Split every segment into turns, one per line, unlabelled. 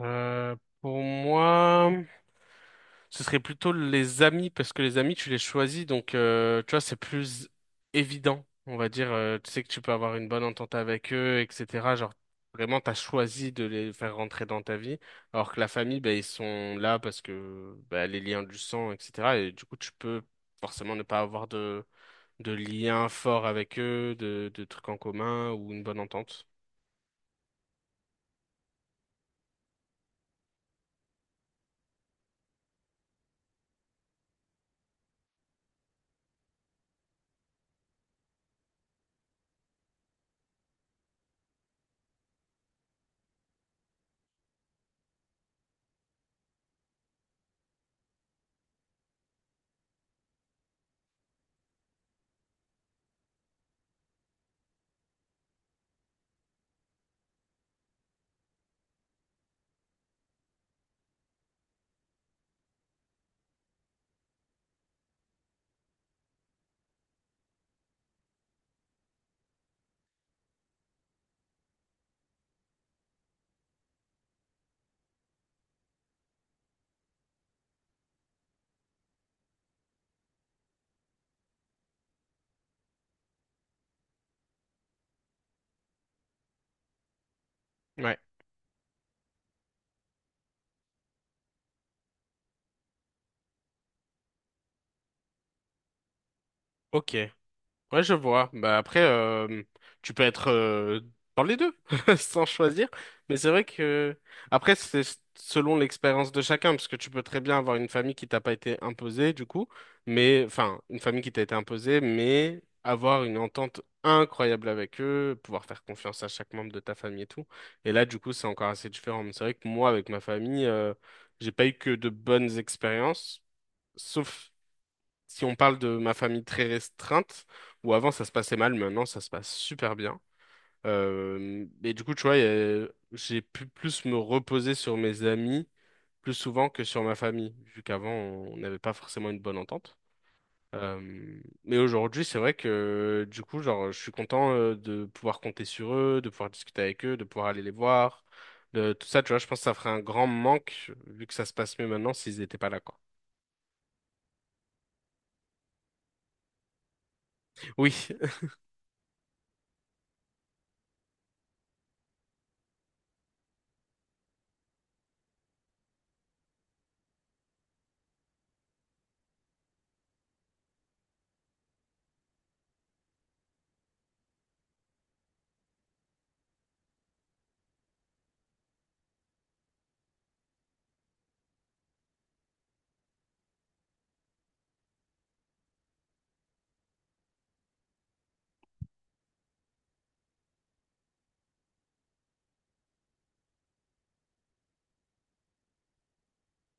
Euh, pour moi, ce serait plutôt les amis, parce que les amis, tu les choisis, donc tu vois, c'est plus évident, on va dire. Tu sais que tu peux avoir une bonne entente avec eux, etc. Genre, vraiment, t'as choisi de les faire rentrer dans ta vie, alors que la famille, ben ils sont là parce que les liens du sang, etc. Et du coup, tu peux forcément ne pas avoir de lien fort avec eux, de trucs en commun ou une bonne entente. Ouais, ok. Ouais, je vois. Bah après, tu peux être dans les deux, sans choisir. Mais c'est vrai que après, c'est selon l'expérience de chacun, parce que tu peux très bien avoir une famille qui t'a pas été imposée, du coup, mais enfin, une famille qui t'a été imposée, mais avoir une entente incroyable avec eux, pouvoir faire confiance à chaque membre de ta famille et tout. Et là, du coup, c'est encore assez différent. Mais c'est vrai que moi, avec ma famille, j'ai pas eu que de bonnes expériences, sauf si on parle de ma famille très restreinte, où avant ça se passait mal, maintenant ça se passe super bien. Et du coup, tu vois, j'ai pu plus me reposer sur mes amis plus souvent que sur ma famille, vu qu'avant on n'avait pas forcément une bonne entente. Mais aujourd'hui, c'est vrai que du coup, genre, je suis content de pouvoir compter sur eux, de pouvoir discuter avec eux, de pouvoir aller les voir, de tout ça, tu vois, je pense que ça ferait un grand manque, vu que ça se passe mieux maintenant s'ils n'étaient pas là, quoi. Oui,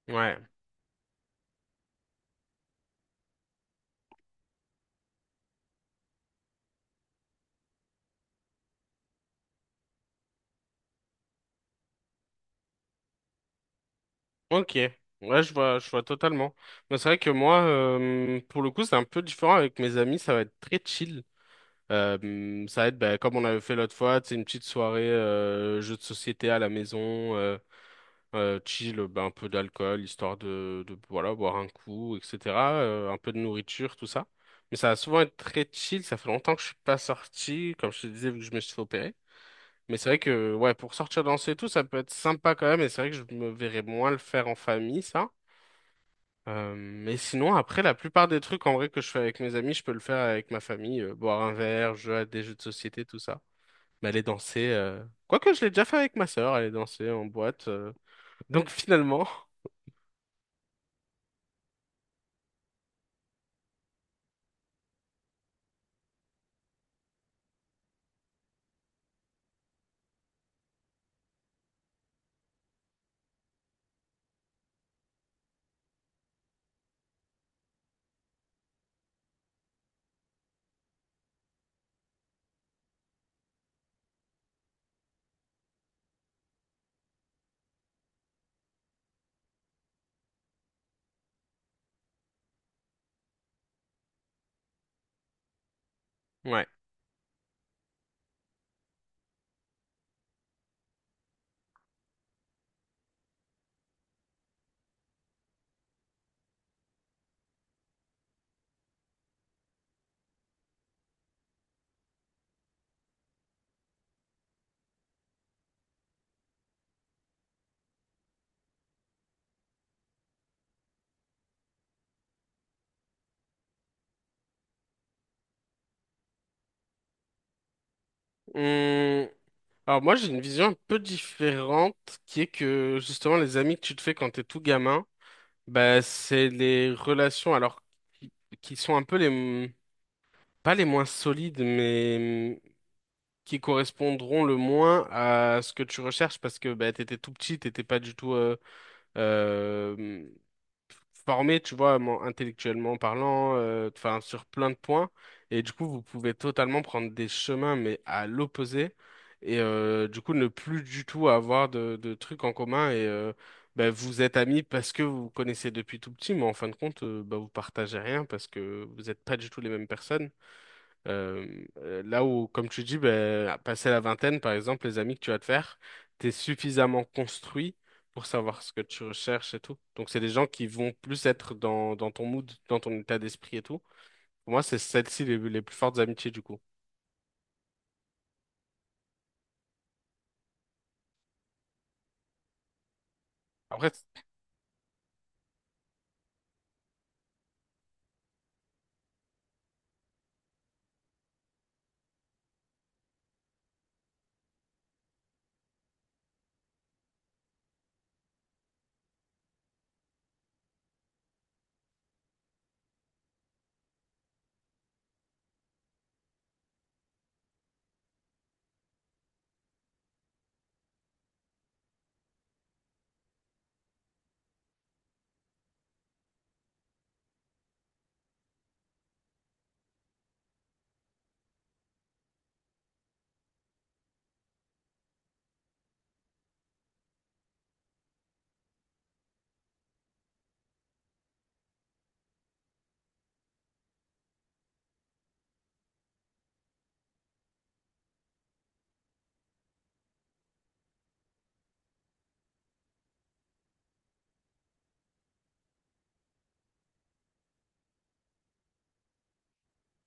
ouais. Ok, ouais, je vois totalement. Mais c'est vrai que moi, pour le coup, c'est un peu différent avec mes amis, ça va être très chill. Ça va être bah, comme on avait fait l'autre fois, c'est une petite soirée jeu de société à la maison, chill, bah, un peu d'alcool, histoire de voilà, boire un coup, etc. Un peu de nourriture, tout ça. Mais ça va souvent être très chill, ça fait longtemps que je suis pas sorti, comme je te disais, vu que je me suis fait opérer. Mais c'est vrai que ouais, pour sortir danser et tout, ça peut être sympa quand même, et c'est vrai que je me verrais moins le faire en famille, ça. Mais sinon, après, la plupart des trucs en vrai que je fais avec mes amis, je peux le faire avec ma famille. Boire un verre, jouer à des jeux de société, tout ça. Mais aller danser, quoique je l'ai déjà fait avec ma sœur, aller danser en boîte. Donc finalement, ouais. Hum, alors moi, j'ai une vision un peu différente qui est que justement, les amis que tu te fais quand t'es tout gamin, bah, c'est les relations alors qui qui sont un peu les... m- Pas les moins solides, mais qui correspondront le moins à ce que tu recherches parce que bah, tu tout petit, t'étais pas du tout euh, formé, tu vois, mon- intellectuellement parlant, enfin sur plein de points. Et du coup, vous pouvez totalement prendre des chemins, mais à l'opposé. Et du coup, ne plus du tout avoir de trucs en commun. Et bah, vous êtes amis parce que vous vous connaissez depuis tout petit, mais en fin de compte, bah, vous partagez rien parce que vous n'êtes pas du tout les mêmes personnes. Là où, comme tu dis, ben, passer la vingtaine, par exemple, les amis que tu vas te faire, t'es suffisamment construit pour savoir ce que tu recherches et tout. Donc, c'est des gens qui vont plus être dans ton mood, dans ton état d'esprit et tout. Pour moi, c'est celles-ci les plus fortes amitiés, du coup. Après,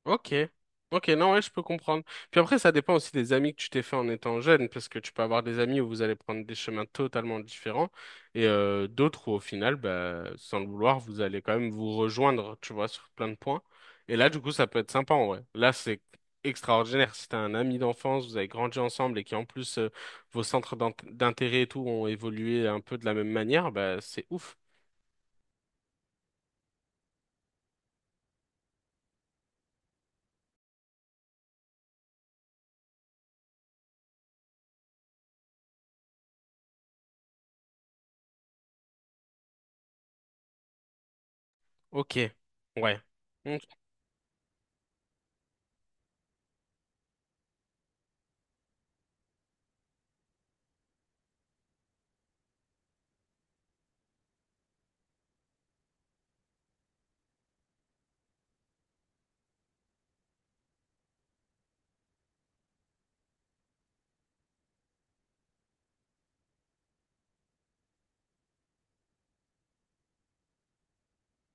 ok. Ok, non, ouais, je peux comprendre. Puis après, ça dépend aussi des amis que tu t'es fait en étant jeune, parce que tu peux avoir des amis où vous allez prendre des chemins totalement différents, et d'autres où au final, bah, sans le vouloir, vous allez quand même vous rejoindre, tu vois, sur plein de points. Et là, du coup, ça peut être sympa en vrai. Là, c'est extraordinaire. Si t'as un ami d'enfance, vous avez grandi ensemble et qui en plus vos centres d'intérêt et tout ont évolué un peu de la même manière, bah c'est ouf. Ok. Ouais. Ok.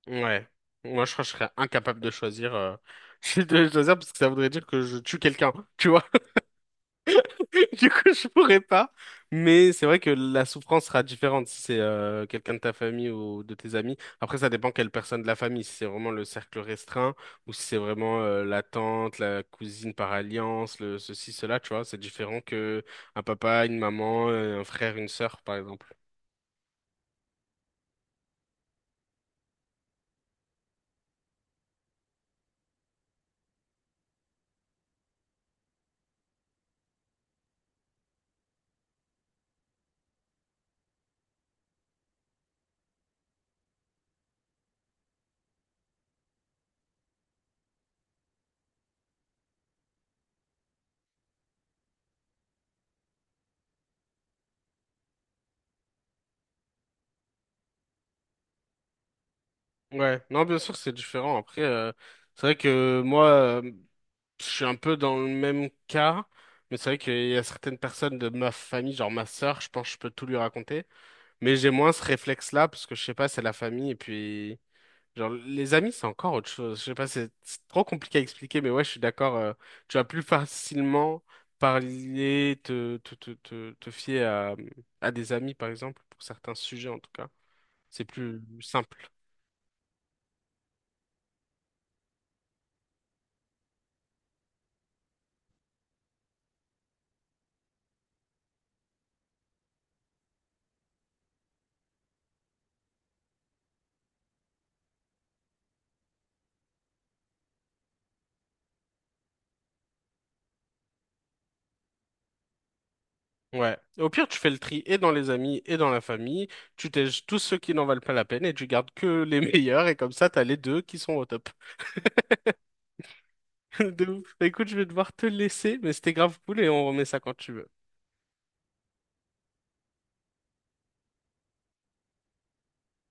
Ouais. Moi, je crois que je serais incapable de choisir. Je suis de choisir parce que ça voudrait dire que je tue quelqu'un, tu vois. Du coup, je pourrais pas. Mais c'est vrai que la souffrance sera différente si c'est quelqu'un de ta famille ou de tes amis. Après, ça dépend quelle personne de la famille. Si c'est vraiment le cercle restreint ou si c'est vraiment la tante, la cousine par alliance, le ceci, cela, tu vois. C'est différent que un papa, une maman, un frère, une sœur, par exemple. Ouais, non, bien sûr, c'est différent. Après, c'est vrai que moi. Je suis un peu dans le même cas, mais c'est vrai qu'il y a certaines personnes de ma famille, genre ma sœur, je pense que je peux tout lui raconter, mais j'ai moins ce réflexe-là parce que je sais pas, c'est la famille et puis genre les amis, c'est encore autre chose. Je sais pas, c'est trop compliqué à expliquer, mais ouais, je suis d'accord. Tu vas plus facilement parler, te fier à des amis par exemple pour certains sujets en tout cas, c'est plus simple. Ouais. Au pire, tu fais le tri et dans les amis et dans la famille. Tu tèges tous ceux qui n'en valent pas la peine et tu gardes que les meilleurs. Et comme ça, t'as les deux qui sont au top. De ouf. Écoute, je vais devoir te laisser, mais c'était grave cool et on remet ça quand tu veux.